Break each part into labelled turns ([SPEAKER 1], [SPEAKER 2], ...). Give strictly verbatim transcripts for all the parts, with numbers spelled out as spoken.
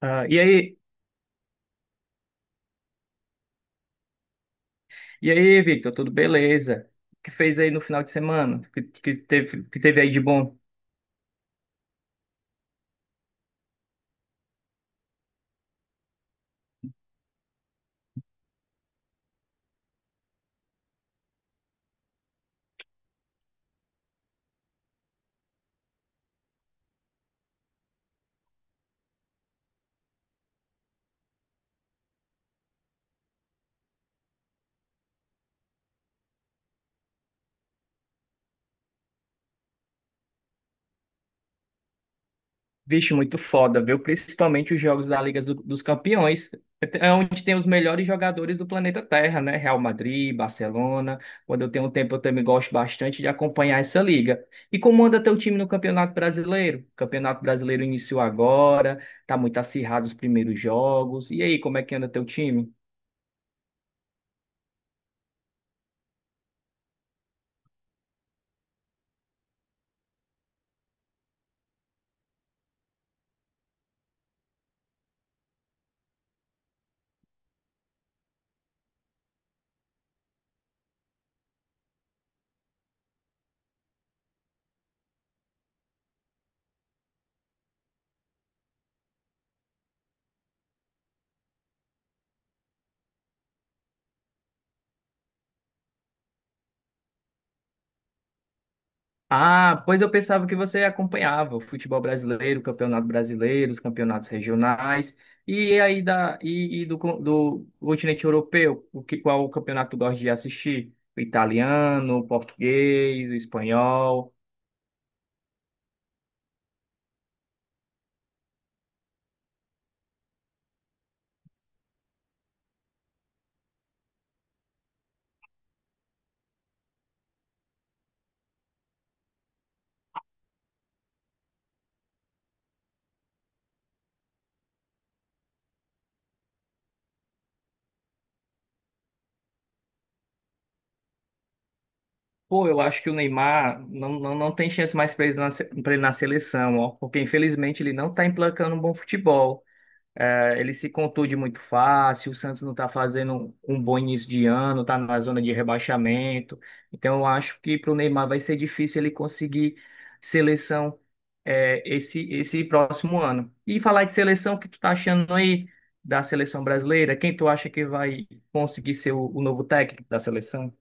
[SPEAKER 1] Ah, e aí, e aí, Victor, tudo beleza? O que fez aí no final de semana? O Que, que teve, que teve aí de bom? Vixe, muito foda, viu? Principalmente os jogos da Liga do- dos Campeões, é onde tem os melhores jogadores do planeta Terra, né? Real Madrid, Barcelona. Quando eu tenho um tempo, eu também gosto bastante de acompanhar essa liga. E como anda teu time no Campeonato Brasileiro? O Campeonato Brasileiro iniciou agora, tá muito acirrado os primeiros jogos. E aí, como é que anda teu time? Ah, pois eu pensava que você acompanhava o futebol brasileiro, o campeonato brasileiro, os campeonatos regionais e aí da e, e do, con- do continente europeu, o que qual campeonato tu gosta de assistir? O italiano, o português, o espanhol. Pô, eu acho que o Neymar não, não, não tem chance mais para ele na, se- pra ele na seleção, ó, porque infelizmente ele não está emplacando um bom futebol. É, ele se contunde muito fácil, o Santos não está fazendo um bom início de ano, está na zona de rebaixamento. Então, eu acho que para o Neymar vai ser difícil ele conseguir seleção é, esse, esse próximo ano. E falar de seleção, o que tu tá achando aí da seleção brasileira? Quem tu acha que vai conseguir ser o, o novo técnico da seleção?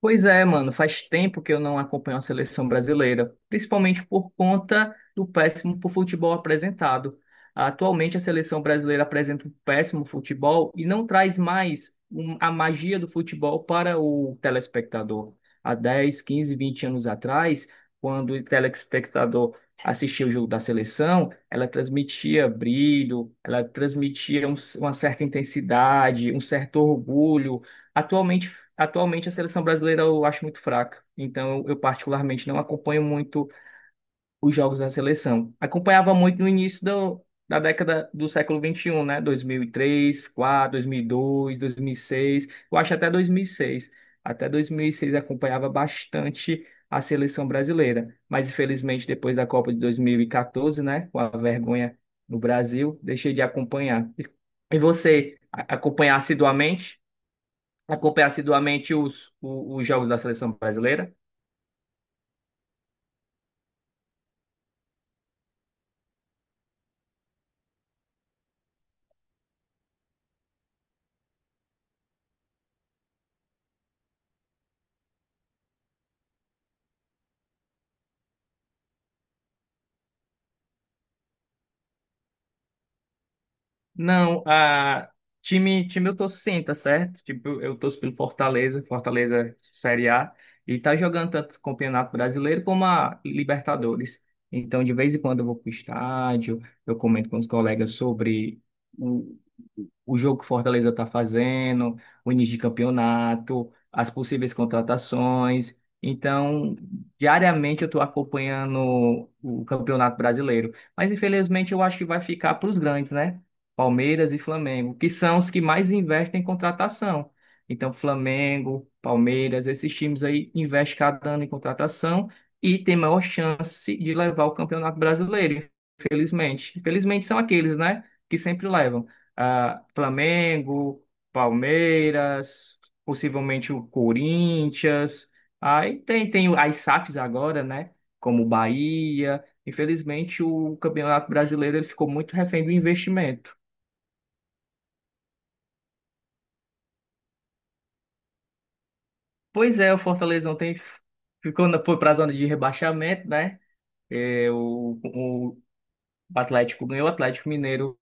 [SPEAKER 1] Pois é, mano, faz tempo que eu não acompanho a seleção brasileira, principalmente por conta do péssimo futebol apresentado. Atualmente a seleção brasileira apresenta um péssimo futebol e não traz mais um- a magia do futebol para o telespectador. Há dez, quinze, vinte anos atrás, quando o telespectador assistia o jogo da seleção, ela transmitia brilho, ela transmitia um- uma certa intensidade, um certo orgulho. Atualmente Atualmente a seleção brasileira eu acho muito fraca, então eu eu particularmente não acompanho muito os jogos da seleção. Acompanhava muito no início do- da década do século vinte e um, né? Dois dois dois, mil mil e e três, quatro, dois mil e dois, dois mil e seis. Eu acho até dois mil e seis, até dois mil e seis acompanhava bastante a seleção brasileira, mas infelizmente depois da Copa de dois mil e quatorze, né? Com a vergonha no Brasil, deixei de acompanhar. E e você a- acompanhar assiduamente? Acompanhar assiduamente os, o- os jogos da seleção brasileira. Não, a time, time eu torço sim, tá certo? Tipo, eu torço pelo Fortaleza, Fortaleza Série A, e tá jogando tanto o Campeonato Brasileiro como a Libertadores. Então, de vez em quando eu vou pro estádio, eu comento com os colegas sobre o, o jogo que o Fortaleza tá fazendo, o início de campeonato, as possíveis contratações. Então, diariamente eu estou acompanhando o Campeonato Brasileiro. Mas infelizmente eu acho que vai ficar para os grandes, né? Palmeiras e Flamengo, que são os que mais investem em contratação. Então, Flamengo, Palmeiras, esses times aí investem cada ano em contratação e tem maior chance de levar o Campeonato Brasileiro, infelizmente. Infelizmente são aqueles, né, que sempre levam. Ah, Flamengo, Palmeiras, possivelmente o Corinthians. Aí tem, tem as S A Fs agora, né, como Bahia. Infelizmente, o Campeonato Brasileiro ele ficou muito refém do investimento. Pois é, o Fortaleza ontem ficou na, foi para a zona de rebaixamento, né? É, o, o Atlético ganhou, o Atlético Mineiro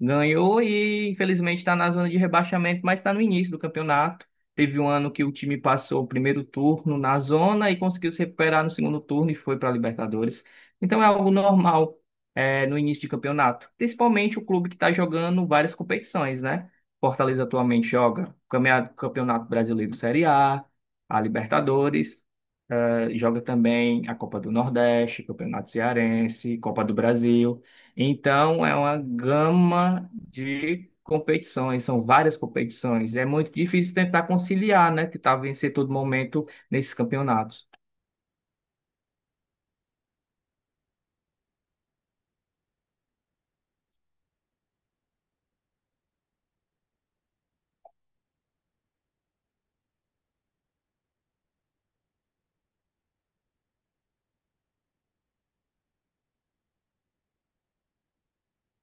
[SPEAKER 1] ganhou e infelizmente está na zona de rebaixamento, mas está no início do campeonato. Teve um ano que o time passou o primeiro turno na zona e conseguiu se recuperar no segundo turno e foi para a Libertadores. Então é algo normal é, no início de campeonato, principalmente o clube que está jogando várias competições, né? Fortaleza atualmente joga o camea- Campeonato Brasileiro Série A, a Libertadores, eh, joga também a Copa do Nordeste, Campeonato Cearense, Copa do Brasil. Então, é uma gama de competições, são várias competições. É muito difícil tentar conciliar, né? Tentar vencer todo momento nesses campeonatos.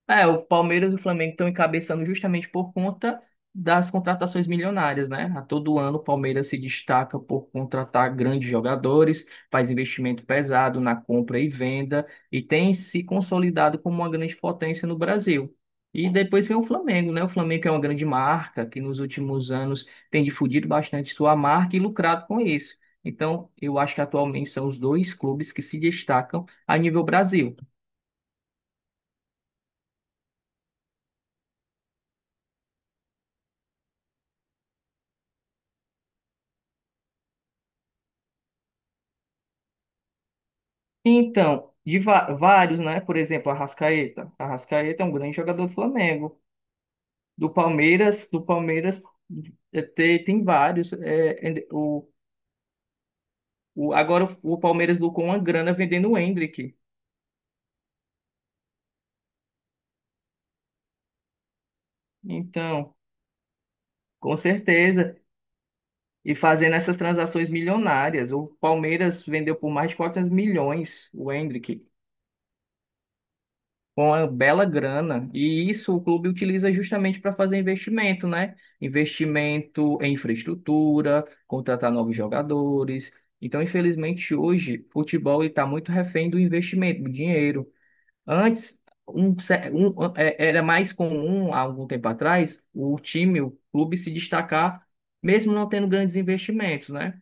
[SPEAKER 1] É, o Palmeiras e o Flamengo estão encabeçando justamente por conta das contratações milionárias, né? A todo ano o Palmeiras se destaca por contratar grandes jogadores, faz investimento pesado na compra e venda e tem se consolidado como uma grande potência no Brasil. E depois vem o Flamengo, né? O Flamengo é uma grande marca que nos últimos anos tem difundido bastante sua marca e lucrado com isso. Então, eu acho que atualmente são os dois clubes que se destacam a nível Brasil. Então, de va- vários, né? Por exemplo, Arrascaeta. Arrascaeta é um grande jogador do Flamengo. Do Palmeiras, do Palmeiras eh, te- tem vários. eh, and- o, o, agora o o Palmeiras lucrou uma grana vendendo o Endrick. Então, com certeza. E fazendo essas transações milionárias. O Palmeiras vendeu por mais de quatrocentos milhões o Endrick, com uma bela grana. E isso o clube utiliza justamente para fazer investimento, né? Investimento em infraestrutura, contratar novos jogadores. Então, infelizmente, hoje, futebol está muito refém do investimento, do dinheiro. Antes, um ce- um- é- era mais comum, há algum tempo atrás, o time, o clube se destacar, mesmo não tendo grandes investimentos, né?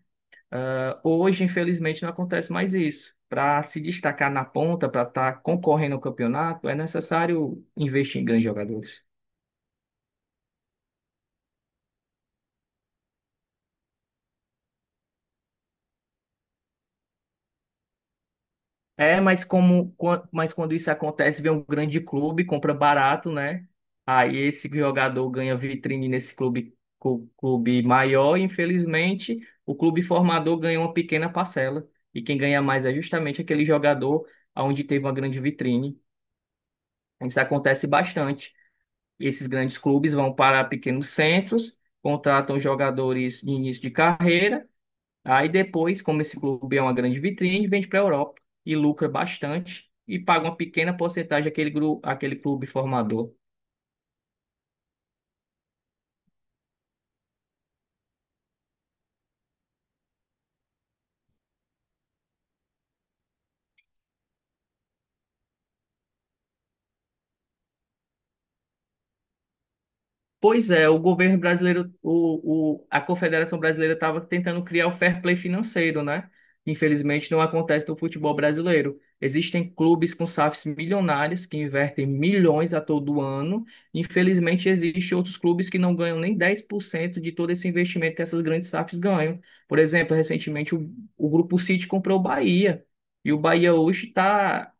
[SPEAKER 1] Hoje, infelizmente, não acontece mais isso. Para se destacar na ponta, para estar concorrendo ao campeonato, é necessário investir em grandes jogadores. É, mas como, quan- mas quando isso acontece, vem um grande clube, compra barato, né? Aí esse jogador ganha vitrine nesse clube, cu- clube maior, e infelizmente, o clube formador ganha uma pequena parcela. E quem ganha mais é justamente aquele jogador onde teve uma grande vitrine. Isso acontece bastante. E esses grandes clubes vão para pequenos centros, contratam jogadores de início de carreira, aí depois, como esse clube é uma grande vitrine, vende para a Europa e lucra bastante e paga uma pequena porcentagem àquele, gru- àquele clube formador. Pois é, o governo brasileiro, o, o, a Confederação Brasileira estava tentando criar o fair play financeiro, né? Infelizmente, não acontece no futebol brasileiro. Existem clubes com S A Fs milionários que invertem milhões a todo ano. Infelizmente, existem outros clubes que não ganham nem dez por cento de todo esse investimento que essas grandes S A Fs ganham. Por exemplo, recentemente o, o Grupo City comprou o Bahia. E o Bahia hoje está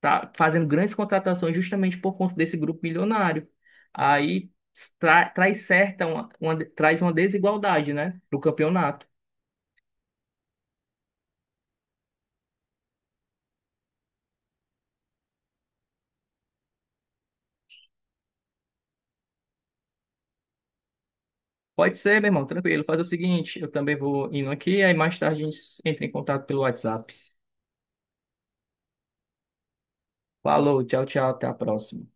[SPEAKER 1] tá fazendo grandes contratações justamente por conta desse grupo milionário. Aí tra- traz certa uma, uma- traz uma desigualdade, né, no campeonato. Pode ser, meu irmão, tranquilo. Faz o seguinte, eu também vou indo aqui, aí mais tarde a gente entra em contato pelo WhatsApp. Falou, tchau, tchau, até a próxima.